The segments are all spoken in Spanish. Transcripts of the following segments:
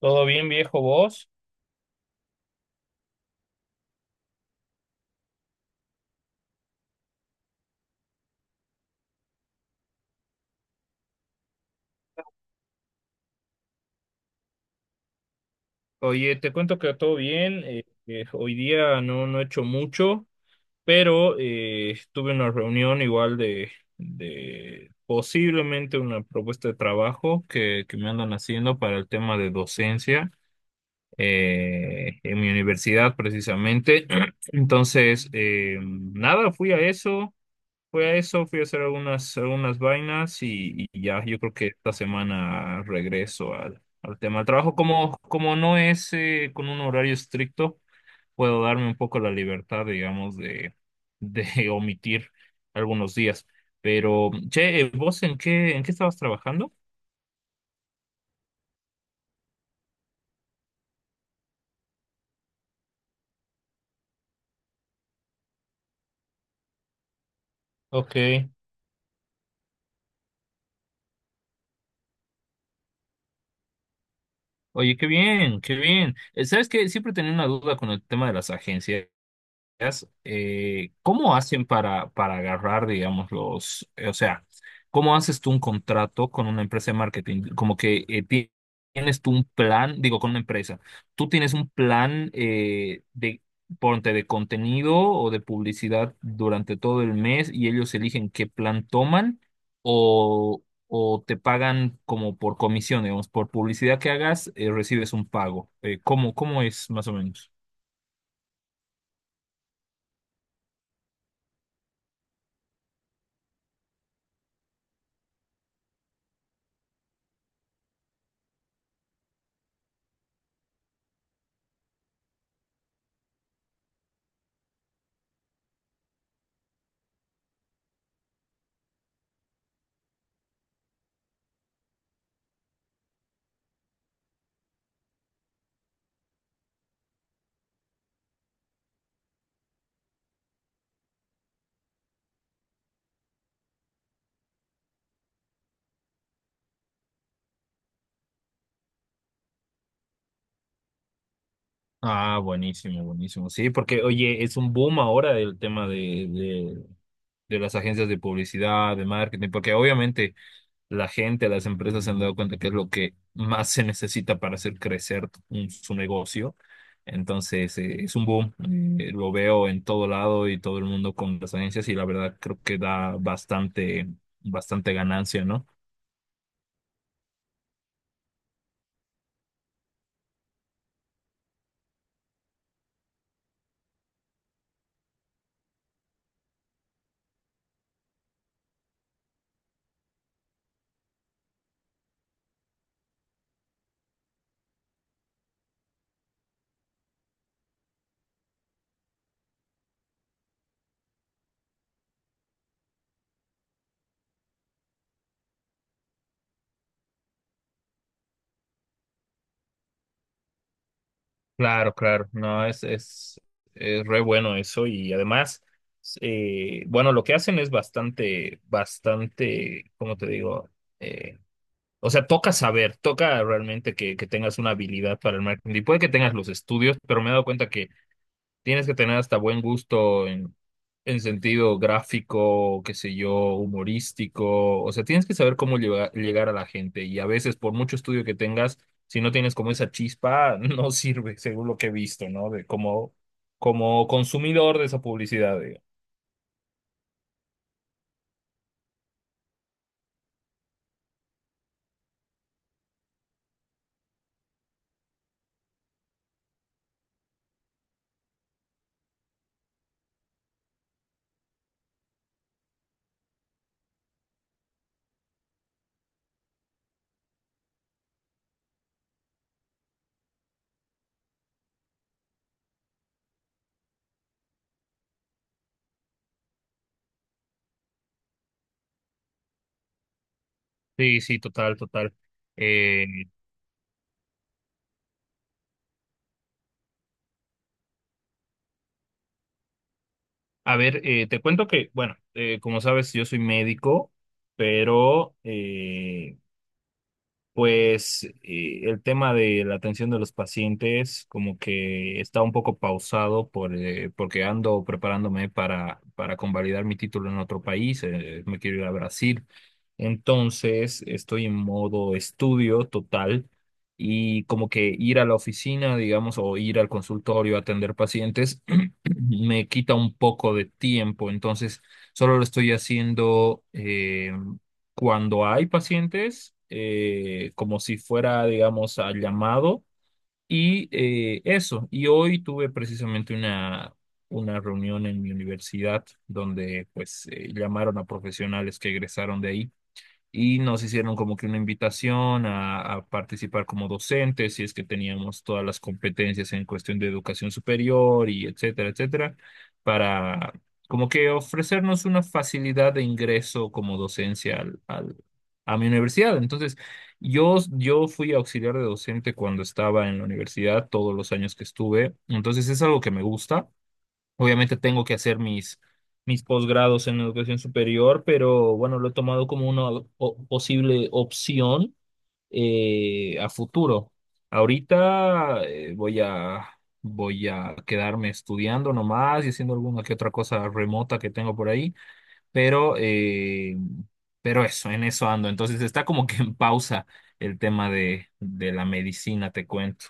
Todo bien, viejo vos. Oye, te cuento que todo bien. Hoy día no he hecho mucho, pero tuve una reunión igual de posiblemente una propuesta de trabajo que me andan haciendo para el tema de docencia en mi universidad precisamente. Entonces, nada, fui a eso. Fui a eso, fui a hacer algunas vainas y ya, yo creo que esta semana regreso al tema del trabajo. Como no es con un horario estricto, puedo darme un poco la libertad, digamos, de omitir algunos días. Pero, che, ¿vos en qué estabas trabajando? Ok. Oye, qué bien, qué bien. ¿Sabes qué? Siempre tenía una duda con el tema de las agencias. ¿Cómo hacen para agarrar, digamos, los, o sea, cómo haces tú un contrato con una empresa de marketing? Como que tienes tú un plan, digo, con una empresa, tú tienes un plan ponte, de contenido o de publicidad durante todo el mes y ellos eligen qué plan toman o, o te pagan como por comisión, digamos, por publicidad que hagas, recibes un pago. ¿Cómo, cómo es más o menos? Ah, buenísimo, buenísimo. Sí, porque oye, es un boom ahora el tema de, de las agencias de publicidad, de marketing, porque obviamente la gente, las empresas se han dado cuenta que es lo que más se necesita para hacer crecer su negocio. Entonces, es un boom. Lo veo en todo lado y todo el mundo con las agencias y la verdad creo que da bastante, bastante ganancia, ¿no? Claro, claro, no, es re bueno eso y además, bueno, lo que hacen es bastante, bastante, ¿cómo te digo? Eh, o sea, toca saber, toca realmente que tengas una habilidad para el marketing. Y puede que tengas los estudios, pero me he dado cuenta. Tienes que tener hasta buen gusto en sentido gráfico, qué sé yo, humorístico. O sea, tienes que saber cómo llegar a la gente. Y a veces, por mucho estudio que tengas, si no tienes como esa chispa, no sirve, según lo que he visto, ¿no? De como, como consumidor de esa publicidad, digo. Sí, sí, total, total. Eh, a ver, te cuento que, bueno, como sabes, yo soy médico, pero pues el tema de la atención de los pacientes como que está un poco pausado por, porque ando preparándome para convalidar mi título en otro país, me quiero ir a Brasil. Entonces estoy en modo estudio total y como que ir a la oficina, digamos, o ir al consultorio a atender pacientes me quita un poco de tiempo. Entonces solo lo estoy haciendo. Eh, cuando hay pacientes, como si fuera, digamos, al llamado. Y eso, y hoy tuve precisamente una reunión en mi universidad donde pues llamaron a profesionales que egresaron de ahí y nos hicieron como que una invitación a participar como docentes, si es que teníamos todas las competencias en cuestión de educación superior y etcétera, etcétera, para como que ofrecernos una facilidad de ingreso como docencia a mi universidad. Entonces, yo fui auxiliar de docente cuando estaba en la universidad, todos los años que estuve, entonces es algo que me gusta. Obviamente tengo que hacer mis posgrados en educación superior, pero bueno, lo he tomado como una posible opción a futuro. Ahorita voy a quedarme estudiando nomás y haciendo alguna que otra cosa remota que tengo por ahí, pero, eh, pero eso, en eso ando. Entonces está como que en pausa el tema de la medicina, te cuento.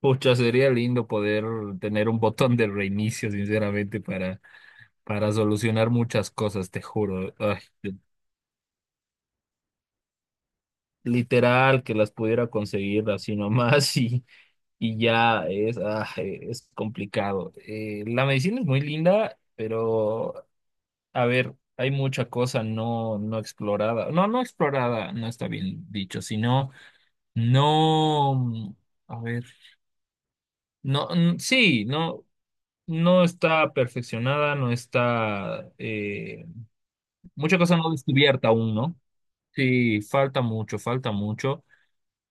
Pucha, sería lindo poder tener un botón de reinicio, sinceramente, para solucionar muchas cosas, te juro. Ay, literal, que las pudiera conseguir así nomás y ya es, ah, es complicado. La medicina es muy linda, pero a ver, hay mucha cosa no explorada. No, no explorada, no está bien dicho, sino no, mm, a ver, no, mm, sí, no. No está perfeccionada, no está... mucha cosa no descubierta aún, ¿no? Sí, falta mucho,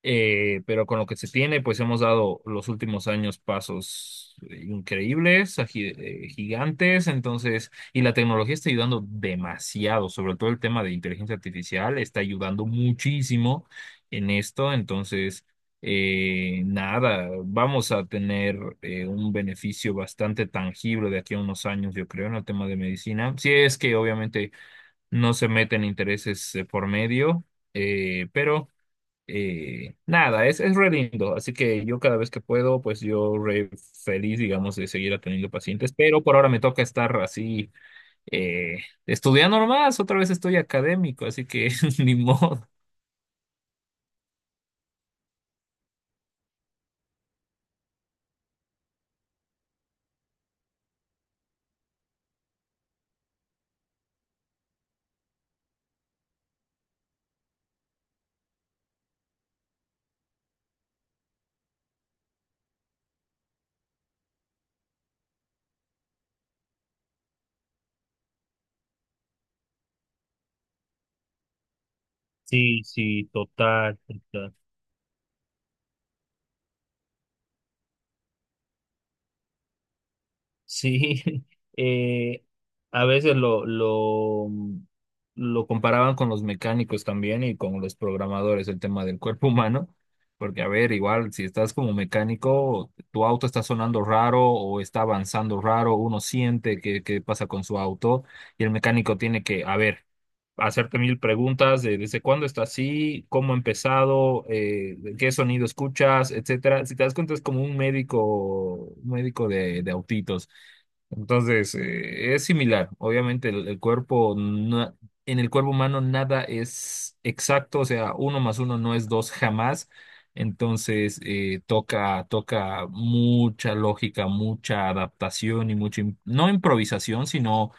pero con lo que se tiene, pues hemos dado los últimos años pasos increíbles, gigantes, entonces, y la tecnología está ayudando demasiado, sobre todo el tema de inteligencia artificial está ayudando muchísimo en esto, entonces, nada, vamos a tener un beneficio bastante tangible de aquí a unos años, yo creo, en el tema de medicina, si es que obviamente no se meten intereses por medio, pero nada, es re lindo, así que yo cada vez que puedo, pues yo re feliz, digamos, de seguir atendiendo pacientes, pero por ahora me toca estar así, eh, estudiando nomás, otra vez estoy académico, así que ni modo. Sí, sí, total. Total. Sí, eh, a veces lo comparaban con los mecánicos también y con los programadores, el tema del cuerpo humano, porque a ver, igual si estás como mecánico, tu auto está sonando raro o está avanzando raro, uno siente que pasa con su auto y el mecánico tiene que, a ver, hacerte mil preguntas de desde cuándo está así, cómo ha empezado, qué sonido escuchas, etcétera. Si te das cuenta, es como un médico de autitos. Entonces, es similar. Obviamente, el cuerpo, en el cuerpo humano nada es exacto, o sea, uno más uno no es dos jamás. Entonces, toca mucha lógica, mucha adaptación y mucha, no improvisación, sino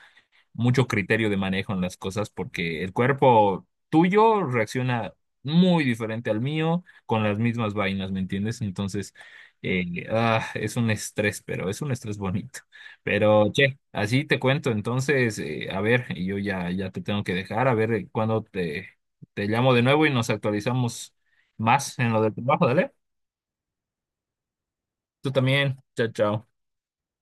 mucho criterio de manejo en las cosas porque el cuerpo tuyo reacciona muy diferente al mío con las mismas vainas, ¿me entiendes? Entonces, ah, es un estrés, pero es un estrés bonito. Pero, che, así te cuento. Entonces, a ver, y yo ya te tengo que dejar, a ver te llamo de nuevo y nos actualizamos más en lo del trabajo, dale. Tú también, chao, chao.